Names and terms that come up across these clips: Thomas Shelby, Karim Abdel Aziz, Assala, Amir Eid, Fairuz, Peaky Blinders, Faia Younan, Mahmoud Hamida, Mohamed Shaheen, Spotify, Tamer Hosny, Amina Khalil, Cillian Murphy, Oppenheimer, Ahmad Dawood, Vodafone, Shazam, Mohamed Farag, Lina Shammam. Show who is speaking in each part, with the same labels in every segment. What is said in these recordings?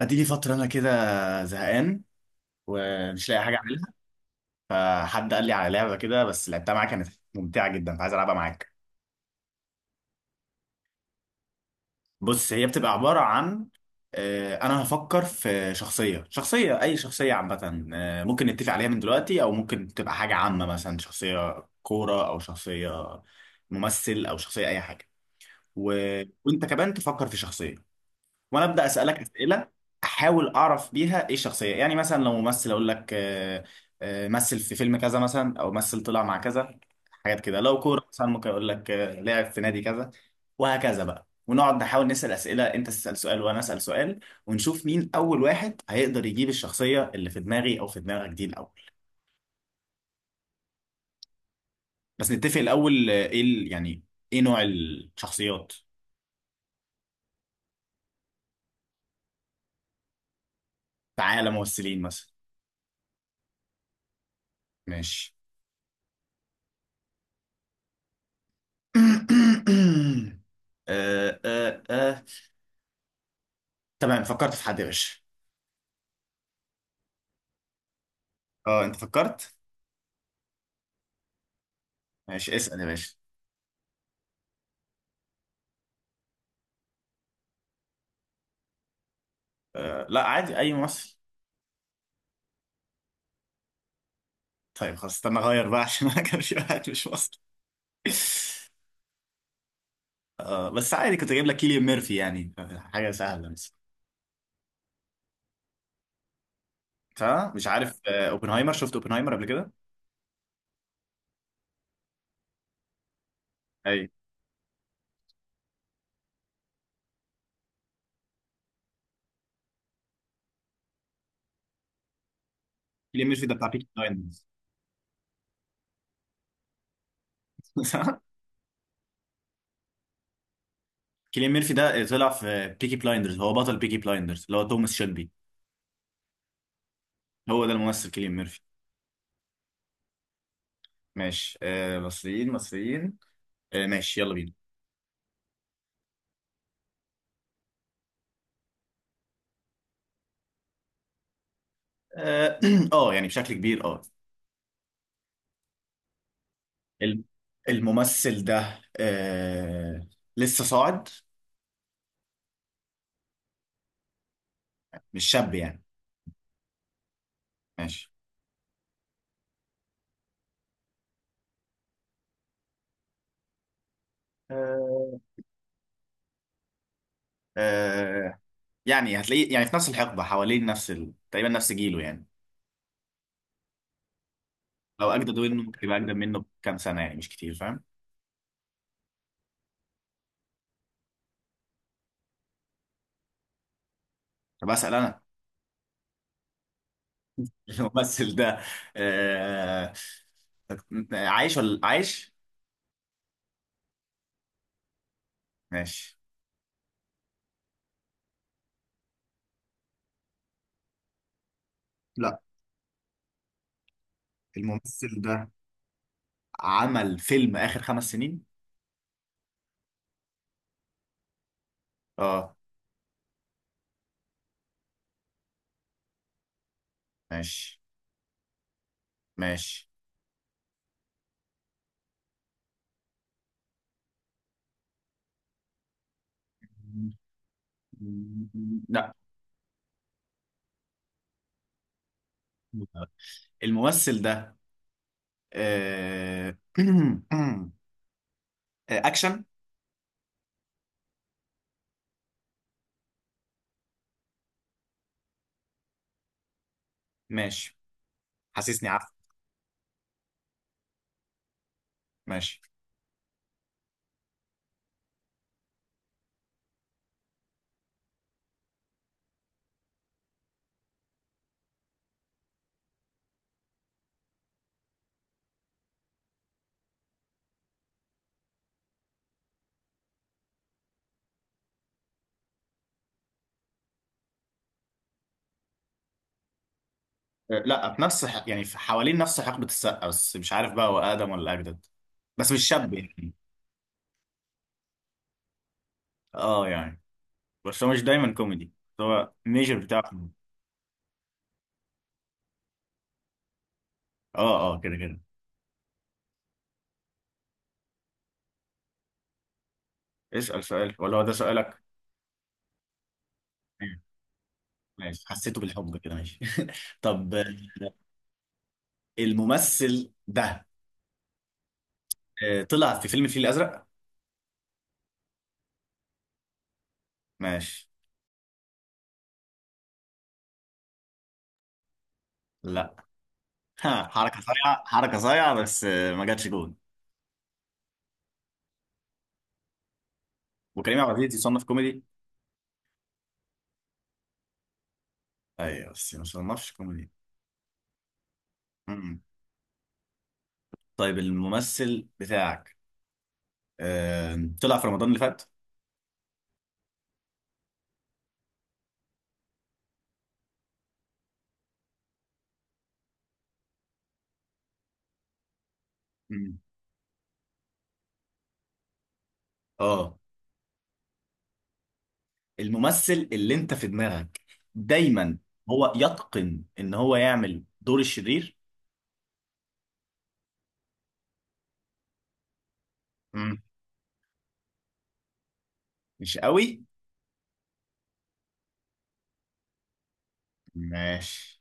Speaker 1: هتيجي فترة أنا كده زهقان ومش لاقي حاجة أعملها. فحد قال لي على لعبة كده، بس لعبتها معاك كانت ممتعة جدا، فعايز ألعبها معاك. بص، هي بتبقى عبارة عن أنا هفكر في شخصية، أي شخصية عامة. ممكن نتفق عليها من دلوقتي، أو ممكن تبقى حاجة عامة، مثلا شخصية كورة أو شخصية ممثل أو شخصية أي حاجة. و... وأنت كمان تفكر في شخصية، وانا ابدا اسالك اسئله، احاول اعرف بيها ايه الشخصيه. يعني مثلا لو ممثل، اقول لك مثل في فيلم كذا مثلا، او مثل طلع مع كذا، حاجات كده. لو كوره مثلا ممكن اقول لك لعب في نادي كذا، وهكذا بقى. ونقعد نحاول نسال اسئله، انت تسال سؤال وانا اسال سؤال، ونشوف مين اول واحد هيقدر يجيب الشخصيه اللي في دماغي او في دماغك دي الاول. بس نتفق الاول ايه يعني ايه نوع الشخصيات؟ تعالى ممثلين مثلا. ماشي. آه، آه، آه. تمام، فكرت في حد يا باشا. اه، انت فكرت؟ ماشي، اسأل يا باشا. آه، لا، عادي، اي مصري. طيب خلاص استنى اغير بقى، عشان انا كان في واحد مش مصري. آه، بس عادي، كنت اجيب لك كيليان ميرفي يعني، حاجه سهله بس. صح، مش عارف. اوبنهايمر، شفت اوبنهايمر قبل كده؟ اي. كيليان ميرفي ده بتاع بيكي بلايندرز. صح. كيليان ميرفي ده طلع في بيكي بلايندرز، هو بطل بيكي بلايندرز اللي هو توماس شيلبي. هو ده الممثل كيليان ميرفي. ماشي. آه، مصريين مصريين. آه، ماشي، يلا بينا. اه. يعني بشكل كبير، اه. الم- الممثل ده لسه صاعد، مش شاب يعني. ماشي. آه آه يعني هتلاقيه، يعني في نفس الحقبة، حوالين نفس تقريبا نفس جيله يعني. لو أجدد منه، ممكن يبقى أجدد منه بكام سنة، يعني مش كتير، فاهم؟ طب أسأل أنا. الممثل ده آه عايش ولا عايش؟ ماشي. لا، الممثل ده عمل فيلم آخر 5 سنين، اه. ماشي، ماشي. لا، الممثل ده آه، آه، اكشن. ماشي، حاسسني عارف. ماشي. لا، في نفس يعني في حوالين نفس حقبة السقا، بس مش عارف بقى هو اقدم ولا اجدد، بس مش شاب يعني. اه، يعني، بس هو مش دايما كوميدي، هو ميجر بتاعه كوميدي. اه، اه، كده كده. اسأل سؤال ولا هو ده سؤالك؟ ماشي، حسيته بالحب كده. ماشي. طب، الممثل ده طلع في فيلم الفيل الازرق؟ ماشي، لا. ها، حركة صايعة، حركة صايعة، بس ما جاتش جون. وكريم عبد العزيز يصنف كوميدي؟ ايوه، بس ما صنفش كوميدي. أمم. طيب الممثل بتاعك طلع في رمضان اللي فات؟ أمم. اه. الممثل اللي انت في دماغك دايما هو يتقن ان هو يعمل دور الشرير؟ أمم. مش قوي. ماشي.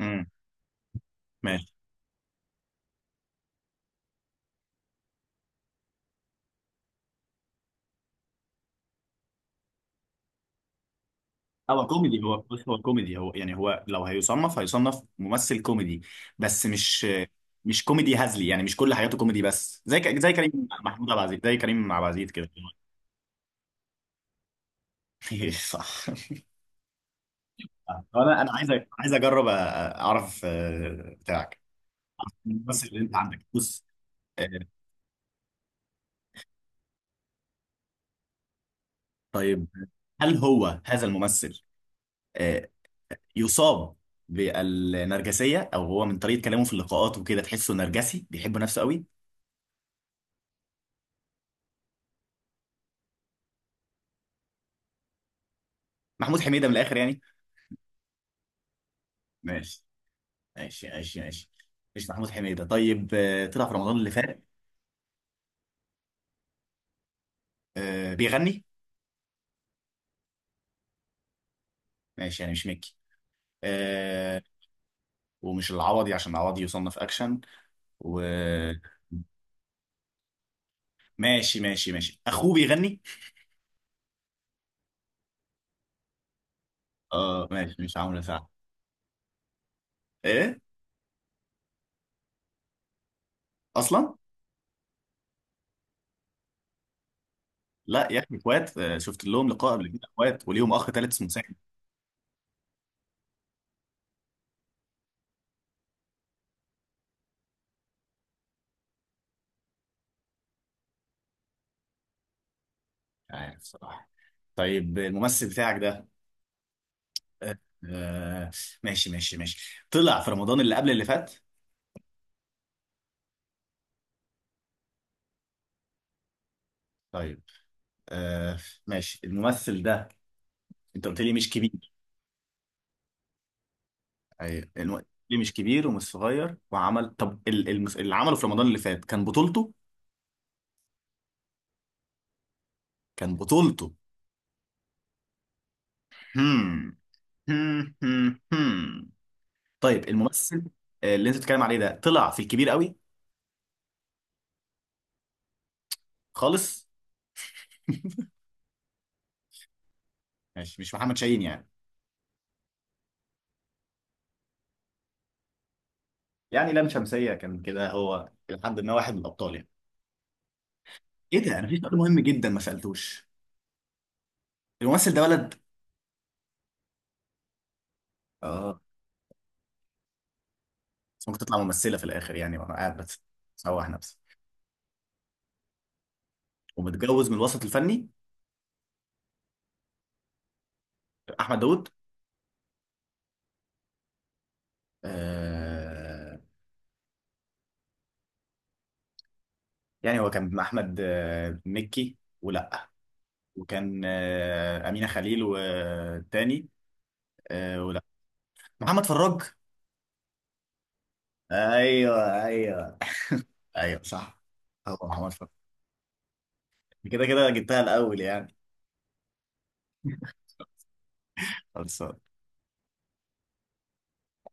Speaker 1: أمم. هو كوميدي، هو بص، هو كوميدي. هو يعني، هو لو هيصنف ممثل كوميدي، بس مش كوميدي هزلي. يعني مش كل حياته كوميدي، بس زي زي كريم، محمود عبد العزيز، زي كريم عبد العزيز كده. صح. انا عايز اجرب اعرف بتاعك. الممثل اللي انت عندك بص. آه، طيب، هل هو هذا الممثل آه، يصاب بالنرجسية، او هو من طريقة كلامه في اللقاءات وكده تحسه نرجسي بيحب نفسه قوي؟ محمود حميدة من الاخر يعني. ماشي، ماشي، ماشي. ماشي، مش محمود حميدة؟ طيب، طلع في رمضان اللي فات، بيغني؟ ماشي، يعني مش مكي. آه، ومش العوضي، عشان العوضي يصنف اكشن، وماشي. ماشي، ماشي، اخوه بيغني. اه، ماشي، مش عامله ساعه؟ ايه؟ اصلا. لا يا اخي، اخوات. شفت لهم لقاء قبل كده، اخوات وليهم اخ ثالث اسمه سامي، مش عارف الصراحه. طيب الممثل بتاعك ده، آه، آه، ماشي، ماشي، ماشي، طلع في رمضان اللي قبل اللي فات؟ طيب. آه، ماشي. الممثل ده، انت قلت لي مش كبير. ايوه، قلت لي مش كبير ومش صغير وعمل، طب اللي عمله في رمضان اللي فات كان بطولته. كان بطولته. هم. هم. هم. هم. طيب الممثل اللي انت بتتكلم عليه ده طلع في الكبير قوي خالص؟ ماشي، مش محمد شاهين يعني؟ يعني لام شمسية كان كده هو لحد ما واحد من الابطال يعني. ايه ده، انا في سؤال مهم جدا ما سالتوش. الممثل ده ولد؟ اه، بس ممكن تطلع ممثلة في الاخر يعني وانا قاعد بس سوح نفسي. ومتجوز من الوسط الفني. احمد داوود؟ آه يعني هو كان مع احمد مكي ولا؟ وكان امينه خليل والتاني ولا محمد فراج؟ ايوه، ايوه، ايوه صح، هو محمد فراج. كده كده جبتها الاول يعني. خلاص.